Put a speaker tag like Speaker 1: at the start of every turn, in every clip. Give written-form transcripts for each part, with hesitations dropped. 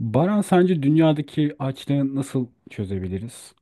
Speaker 1: Baran sence dünyadaki açlığı nasıl çözebiliriz?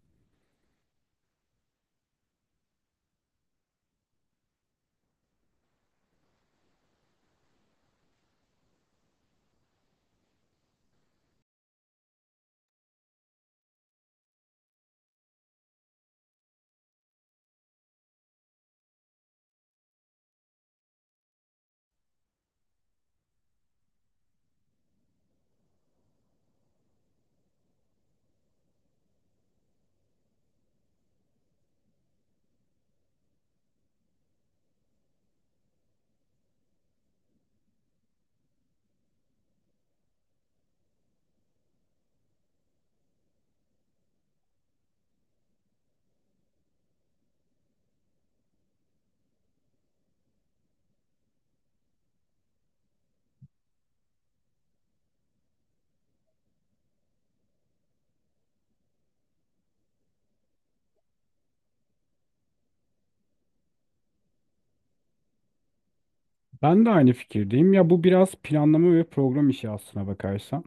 Speaker 1: Ben de aynı fikirdeyim. Ya bu biraz planlama ve program işi aslına bakarsan.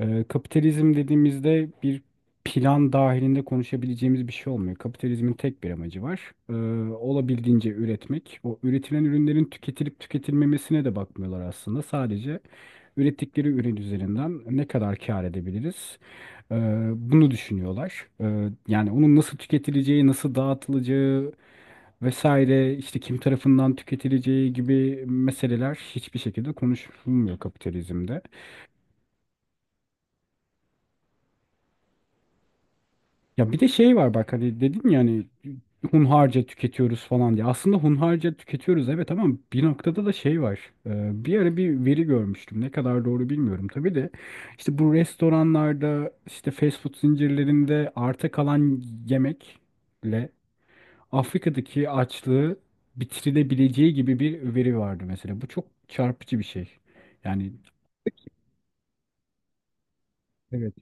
Speaker 1: Kapitalizm dediğimizde bir plan dahilinde konuşabileceğimiz bir şey olmuyor. Kapitalizmin tek bir amacı var. Olabildiğince üretmek. O üretilen ürünlerin tüketilip tüketilmemesine de bakmıyorlar aslında. Sadece ürettikleri ürün üzerinden ne kadar kâr edebiliriz? Bunu düşünüyorlar. Yani onun nasıl tüketileceği, nasıl dağıtılacağı, vesaire işte kim tarafından tüketileceği gibi meseleler hiçbir şekilde konuşulmuyor kapitalizmde. Ya bir de şey var bak hani dedin ya hani hunharca tüketiyoruz falan diye. Aslında hunharca tüketiyoruz evet ama bir noktada da şey var. Bir ara bir veri görmüştüm. Ne kadar doğru bilmiyorum tabii de. İşte bu restoranlarda işte fast food zincirlerinde arta kalan yemekle Afrika'daki açlığı bitirilebileceği gibi bir veri vardı mesela. Bu çok çarpıcı bir şey. Yani evet.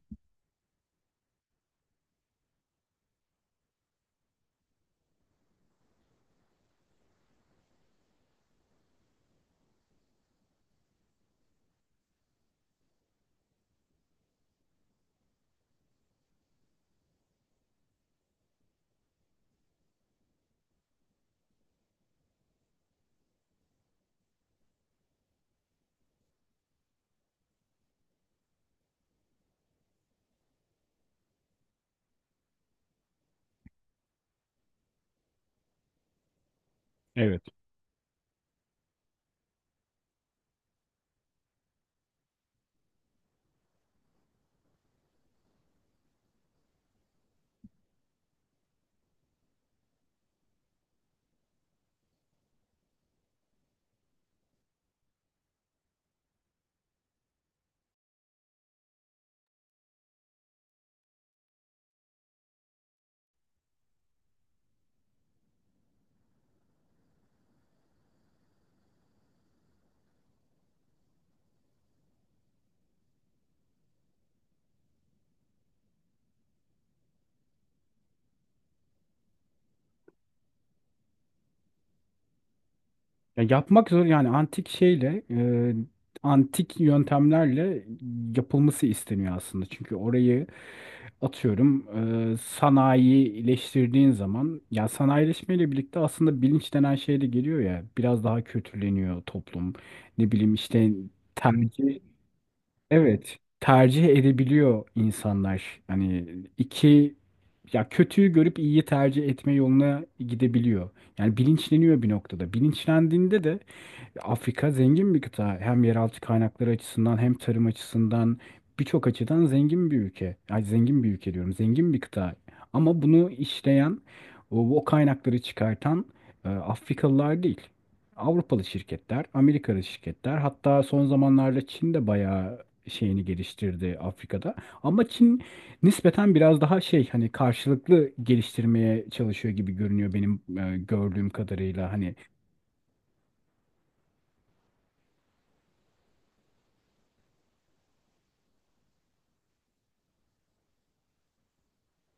Speaker 1: Evet. Ya yapmak zor yani antik şeyle antik yöntemlerle yapılması isteniyor aslında. Çünkü orayı atıyorum sanayileştirdiğin zaman ya sanayileşmeyle birlikte aslında bilinç denen şey de geliyor ya biraz daha kötüleniyor toplum. Ne bileyim işte temci. Evet, tercih edebiliyor insanlar. Hani iki ya kötüyü görüp iyiyi tercih etme yoluna gidebiliyor. Yani bilinçleniyor bir noktada. Bilinçlendiğinde de Afrika zengin bir kıta. Hem yeraltı kaynakları açısından hem tarım açısından birçok açıdan zengin bir ülke. Ay zengin bir ülke diyorum. Zengin bir kıta. Ama bunu işleyen, o kaynakları çıkartan Afrikalılar değil. Avrupalı şirketler, Amerikalı şirketler. Hatta son zamanlarda Çin de bayağı şeyini geliştirdi Afrika'da. Ama Çin nispeten biraz daha şey hani karşılıklı geliştirmeye çalışıyor gibi görünüyor benim gördüğüm kadarıyla. Hani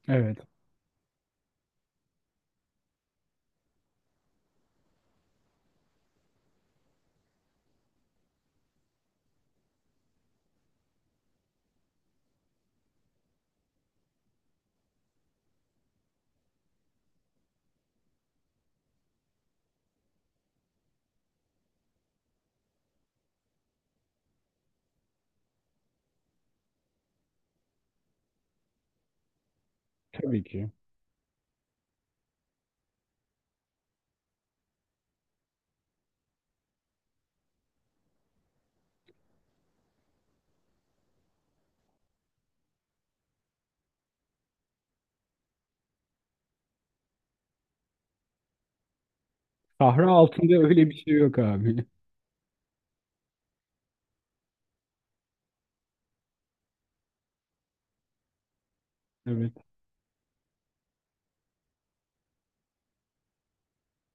Speaker 1: evet, tabii ki. Sahra altında öyle bir şey yok abi. Evet.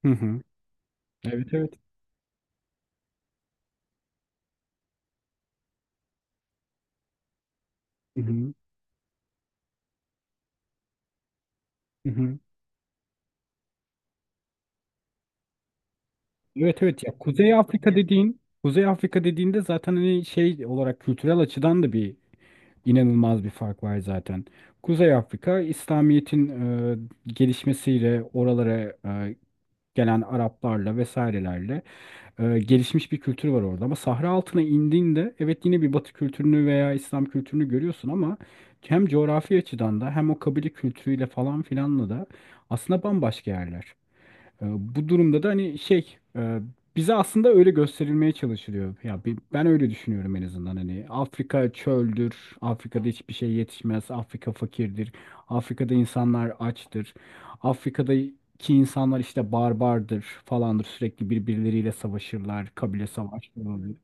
Speaker 1: Hı hı. Evet evet. Hı hı. Hı hı. Evet evet, ya Kuzey Afrika dediğin Kuzey Afrika dediğinde zaten hani şey olarak kültürel açıdan da bir inanılmaz bir fark var zaten. Kuzey Afrika İslamiyet'in e, gelişmesiyle oralara gelen Araplarla vesairelerle gelişmiş bir kültür var orada. Ama Sahra altına indiğinde evet yine bir Batı kültürünü veya İslam kültürünü görüyorsun ama hem coğrafi açıdan da hem o kabile kültürüyle falan filanla da aslında bambaşka yerler. E, Bu durumda da hani şey bize aslında öyle gösterilmeye çalışılıyor. Ya ben öyle düşünüyorum en azından hani Afrika çöldür, Afrika'da hiçbir şey yetişmez, Afrika fakirdir, Afrika'da insanlar açtır, Afrika'daki insanlar işte barbardır falandır sürekli birbirleriyle savaşırlar, kabile savaşları olur.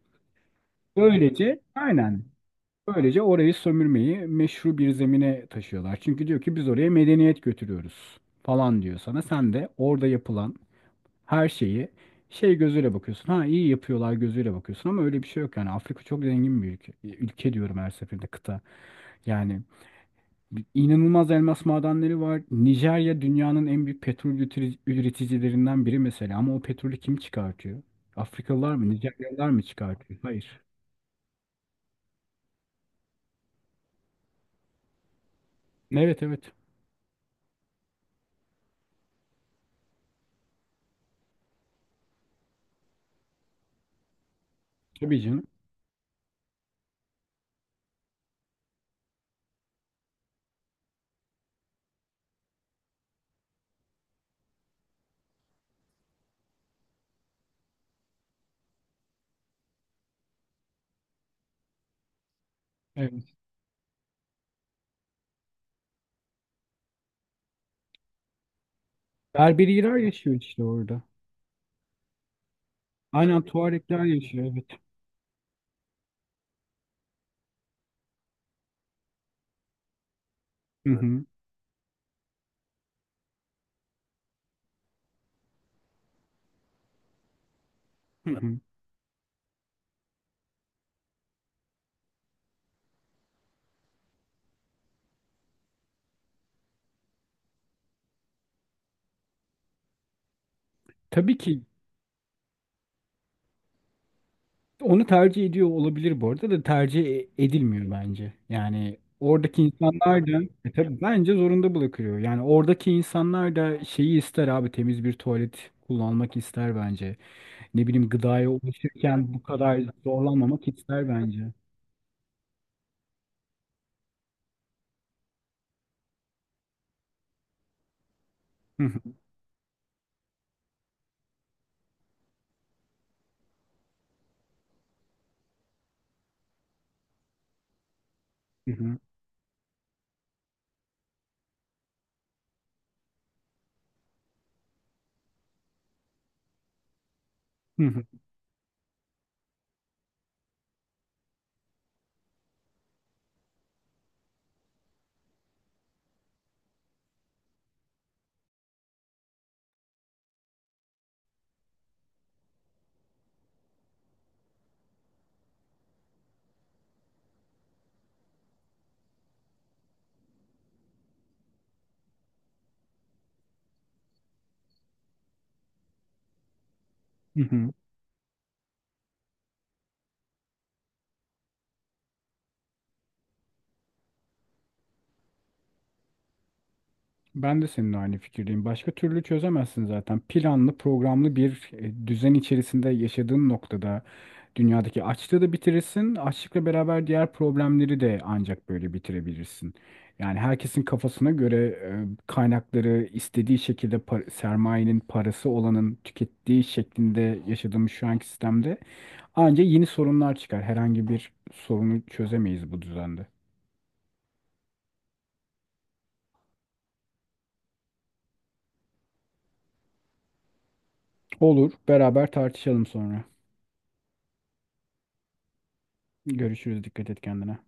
Speaker 1: Böylece aynen böylece orayı sömürmeyi meşru bir zemine taşıyorlar. Çünkü diyor ki biz oraya medeniyet götürüyoruz falan diyor sana. Sen de orada yapılan her şeyi şey gözüyle bakıyorsun. Ha iyi yapıyorlar gözüyle bakıyorsun ama öyle bir şey yok yani. Afrika çok zengin bir ülke. Ülke diyorum her seferinde kıta. Yani inanılmaz elmas madenleri var. Nijerya dünyanın en büyük petrol üreticilerinden biri mesela ama o petrolü kim çıkartıyor? Afrikalılar mı, Nijeryalılar mı çıkartıyor? Hayır. Evet evet. Tabii canım. Evet. Berberiler yaşıyor işte orada. Aynen Tuaregler yaşıyor evet. Hı hı. Hı hı. Tabii ki. Onu tercih ediyor olabilir bu arada da tercih edilmiyor bence. Yani oradaki insanlar da e tabii bence zorunda bırakıyor. Yani oradaki insanlar da şeyi ister abi temiz bir tuvalet kullanmak ister bence. Ne bileyim gıdaya ulaşırken bu kadar zorlanmamak ister bence. Hı hı, hı hı, hı hı, hı hı. Ben de seninle aynı fikirdeyim. Başka türlü çözemezsin zaten. Planlı, programlı bir düzen içerisinde yaşadığın noktada dünyadaki açlığı da bitirirsin. Açlıkla beraber diğer problemleri de ancak böyle bitirebilirsin. Yani herkesin kafasına göre kaynakları istediği şekilde sermayenin parası olanın tükettiği şeklinde yaşadığımız şu anki sistemde ancak yeni sorunlar çıkar. Herhangi bir sorunu çözemeyiz bu düzende. Olur, beraber tartışalım sonra. Görüşürüz. Dikkat et kendine.